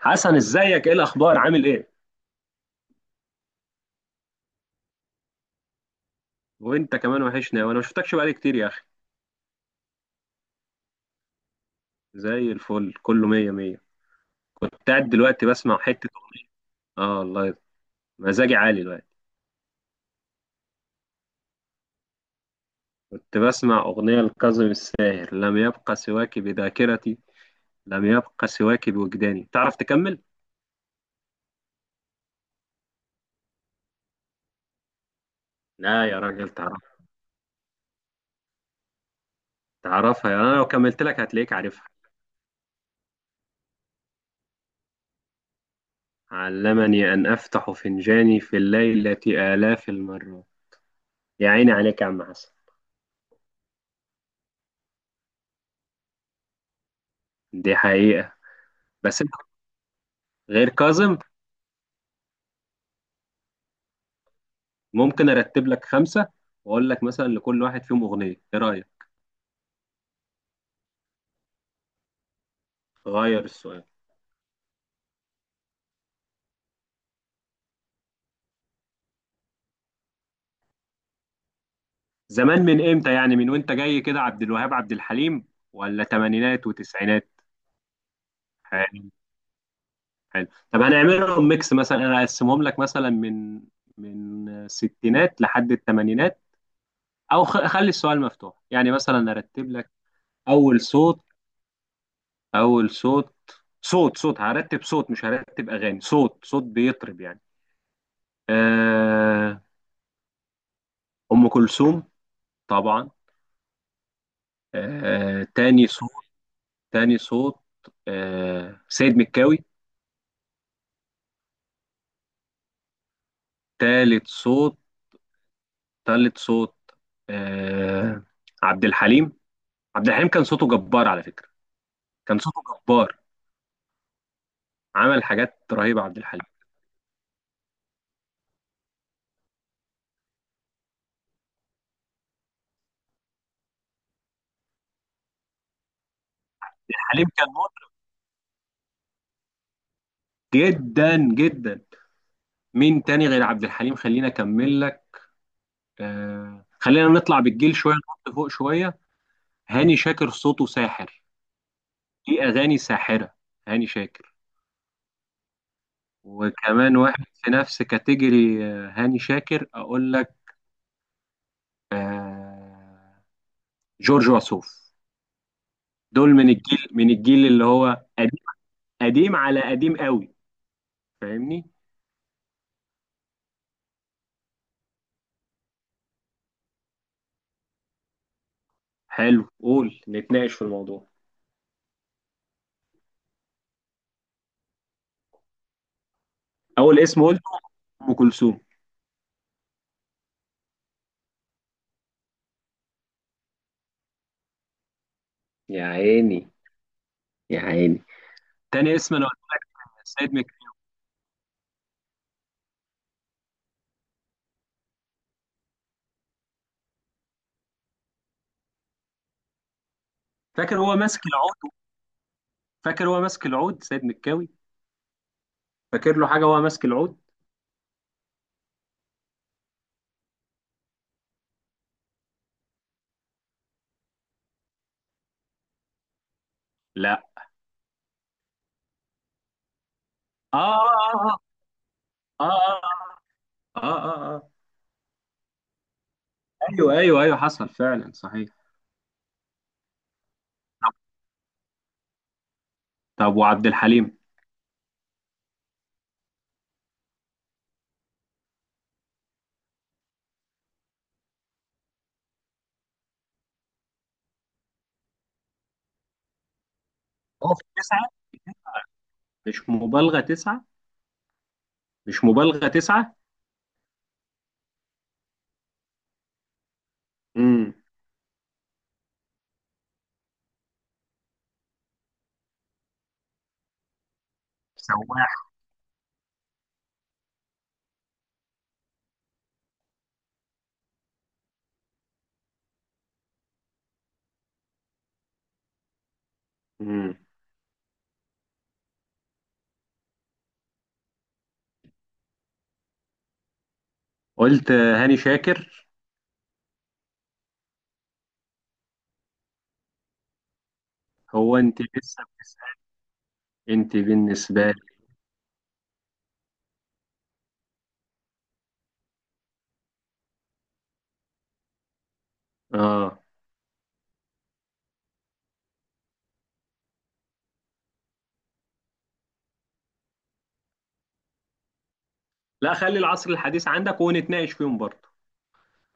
حسن، ازيك؟ ايه الاخبار؟ عامل ايه؟ وانت كمان وحشنا، وانا ما شفتكش بقالي كتير يا اخي. زي الفل، كله مية مية. كنت قاعد دلوقتي بسمع حتة. اه والله. مزاجي عالي دلوقتي. كنت بسمع اغنية لكاظم الساهر، لم يبقى سواك بذاكرتي، لم يبقى سواك بوجداني. تعرف تكمل؟ لا يا راجل، تعرف. تعرفها يعني، انا لو كملت لك هتلاقيك عارفها. علمني ان افتح فنجاني في الليلة آلاف المرات. يا عيني عليك يا عم حسن. دي حقيقة. بس انت، غير كاظم، ممكن ارتب لك خمسه، واقول لك مثلا لكل واحد فيهم اغنيه. ايه رايك؟ غير السؤال. زمان من امتى يعني؟ من وانت جاي كده عبد الوهاب، عبد الحليم، ولا تمانينات وتسعينات؟ حلو. حلو. طب هنعملهم ميكس، مثلا انا اقسمهم لك مثلا من الستينات لحد الثمانينات. او خلي السؤال مفتوح، يعني مثلا ارتب لك. اول صوت اول صوت، صوت صوت هرتب، صوت مش هرتب اغاني، صوت صوت بيطرب يعني. آه ام كلثوم. طبعا. آه تاني صوت تاني صوت، سيد مكاوي. تالت صوت تالت صوت، آه عبد الحليم. عبد الحليم كان صوته جبار على فكرة. كان صوته جبار. عمل حاجات رهيبة عبد الحليم. عبد الحليم كان مطرب جدا جدا. مين تاني غير عبد الحليم؟ خلينا أكمل لك. خلينا نطلع بالجيل شوية، نحط فوق شوية. هاني شاكر، صوته ساحر، ليه أغاني ساحرة. هاني شاكر. وكمان واحد في نفس كاتيجوري هاني شاكر اقول لك، آه، جورج وسوف. دول من الجيل اللي هو قديم، قديم على قديم قوي. فاهمني؟ حلو، قول نتناقش في الموضوع. اول اسم قلت ام كلثوم. يا عيني. يا عيني. تاني اسم انا قلت سيد مك فاكر هو ماسك العود فاكر هو ماسك العود سيد مكاوي. فاكر له حاجه وهو ماسك العود؟ لا. اه، اه. اه، اه. اه، اه، اه، آه. آه. ايوه، ايوه، ايوه، حصل فعلا، صحيح. طب، وعبد الحليم؟ هو في تسعة؟ مش مبالغة تسعة. مش مبالغة تسعة. امم. سواح. امم. قلت هاني شاكر. هو انت لسه بتسأل؟ انت بالنسبة لي، اه. لا، خلي العصر الحديث عندك ونتناقش فيهم برضه.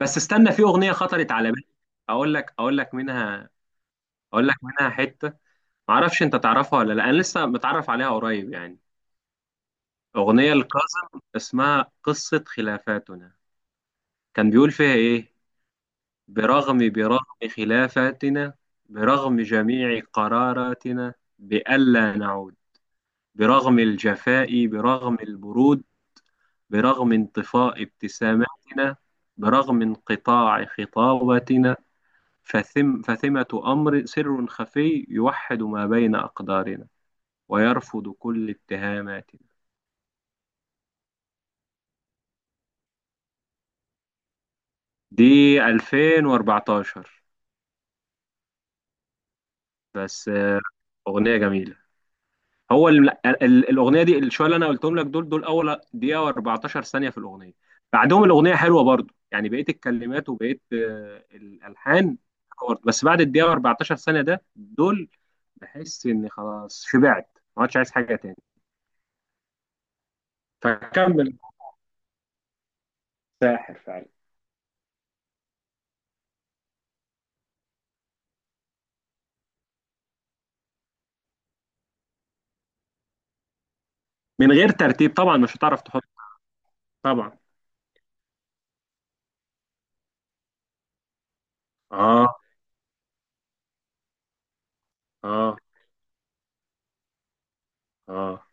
بس استنى، في اغنية خطرت على بالي. اقول لك منها، اقول لك منها حتة. معرفش انت تعرفها ولا لا، انا لسه متعرف عليها قريب يعني. اغنية لكاظم اسمها قصة خلافاتنا. كان بيقول فيها ايه؟ برغم برغم خلافتنا، برغم جميع قراراتنا بألا نعود، برغم الجفاء، برغم البرود، برغم انطفاء ابتساماتنا، برغم انقطاع خطاباتنا، فثم، فثمة أمر سر خفي يوحد ما بين أقدارنا، ويرفض كل اتهاماتنا. دي 2014. بس، أغنية جميلة. هو ال... الاغنيه دي، الشويه اللي انا قلتهم لك دول اول دقيقه و14 ثانيه في الاغنيه. بعدهم الاغنيه حلوه برضو، يعني بقيه الكلمات وبقيه الالحان حلوة برضو. بس بعد الدقيقه و14 ثانيه ده، دول بحس اني خلاص شبعت، ما عادش عايز حاجه تاني. فكمل. ساحر فعلا. من غير ترتيب طبعا، مش هتعرف تحط. طبعا. اه. اه. اه.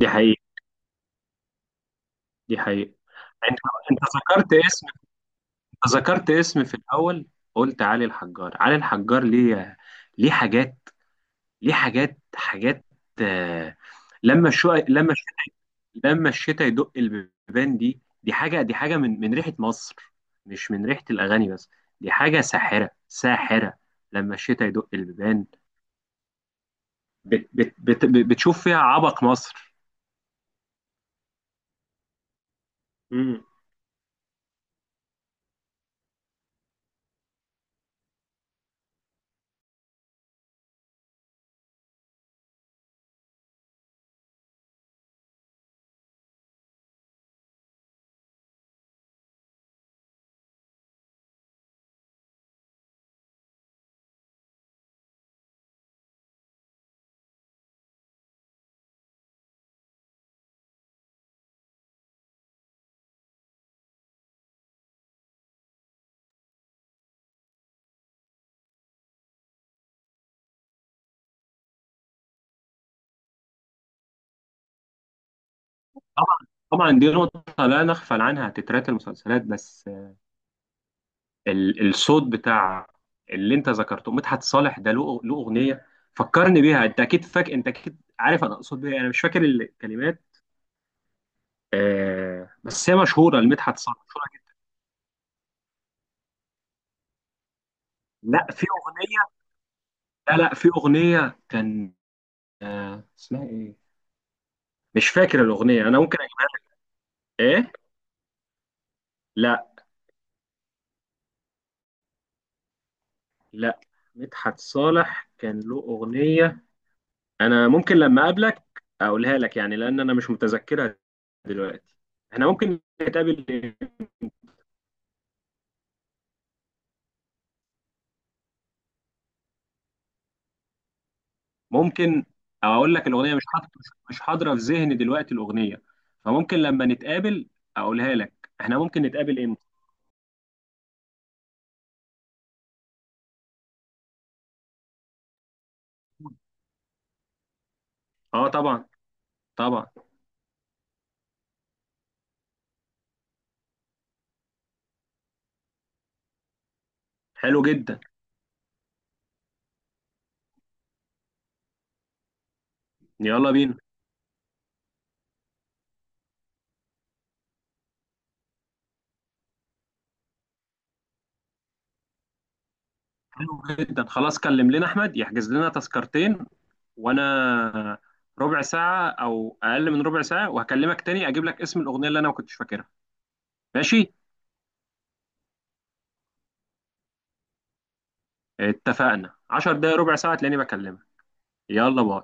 دي حقيقه. دي حقيقه. انت انت ذكرت اسم، ذكرت اسم في الاول. قلت علي الحجار، علي الحجار ليه؟ ليه حاجات، ليه حاجات، حاجات. آه، لما الشو لما الش- لما الشتاء يدق البيبان، دي حاجه، دي حاجه من ريحه مصر، مش من ريحه الاغاني بس. دي حاجه ساحره ساحره. لما الشتاء يدق البيبان. بت بت بت بتشوف فيها عبق مصر. امم. طبعا. طبعا دي نقطه لا نغفل عنها، تترات المسلسلات. بس الصوت بتاع اللي انت ذكرته مدحت صالح، ده له اغنيه فكرني بيها، انت اكيد عارف انا اقصد بيها، انا مش فاكر الكلمات. بس هي مشهوره لمدحت صالح، مشهوره جدا. لا، في اغنيه. لا في اغنيه كان، اسمها ايه؟ مش فاكر الاغنيه، انا ممكن اجيبها لك. ايه؟ لا. لا. مدحت صالح كان له اغنيه، انا ممكن لما اقابلك اقولها لك، يعني لان انا مش متذكرها دلوقتي. احنا ممكن نتقابل؟ ممكن. او اقول لك، الاغنيه مش حاضره، مش حاضره في ذهني دلوقتي الاغنيه. فممكن لما نتقابل اقولها لك. احنا ممكن نتقابل امتى؟ اه طبعا. طبعا. حلو جدا. يلا بينا. حلو جدا، خلاص كلم لنا احمد يحجز لنا تذكرتين. وانا ربع ساعه او اقل من ربع ساعه وهكلمك تاني، اجيب لك اسم الاغنيه اللي انا ما كنتش فاكرها. ماشي. اتفقنا، 10 دقايق ربع ساعه تلاقيني بكلمك. يلا باي.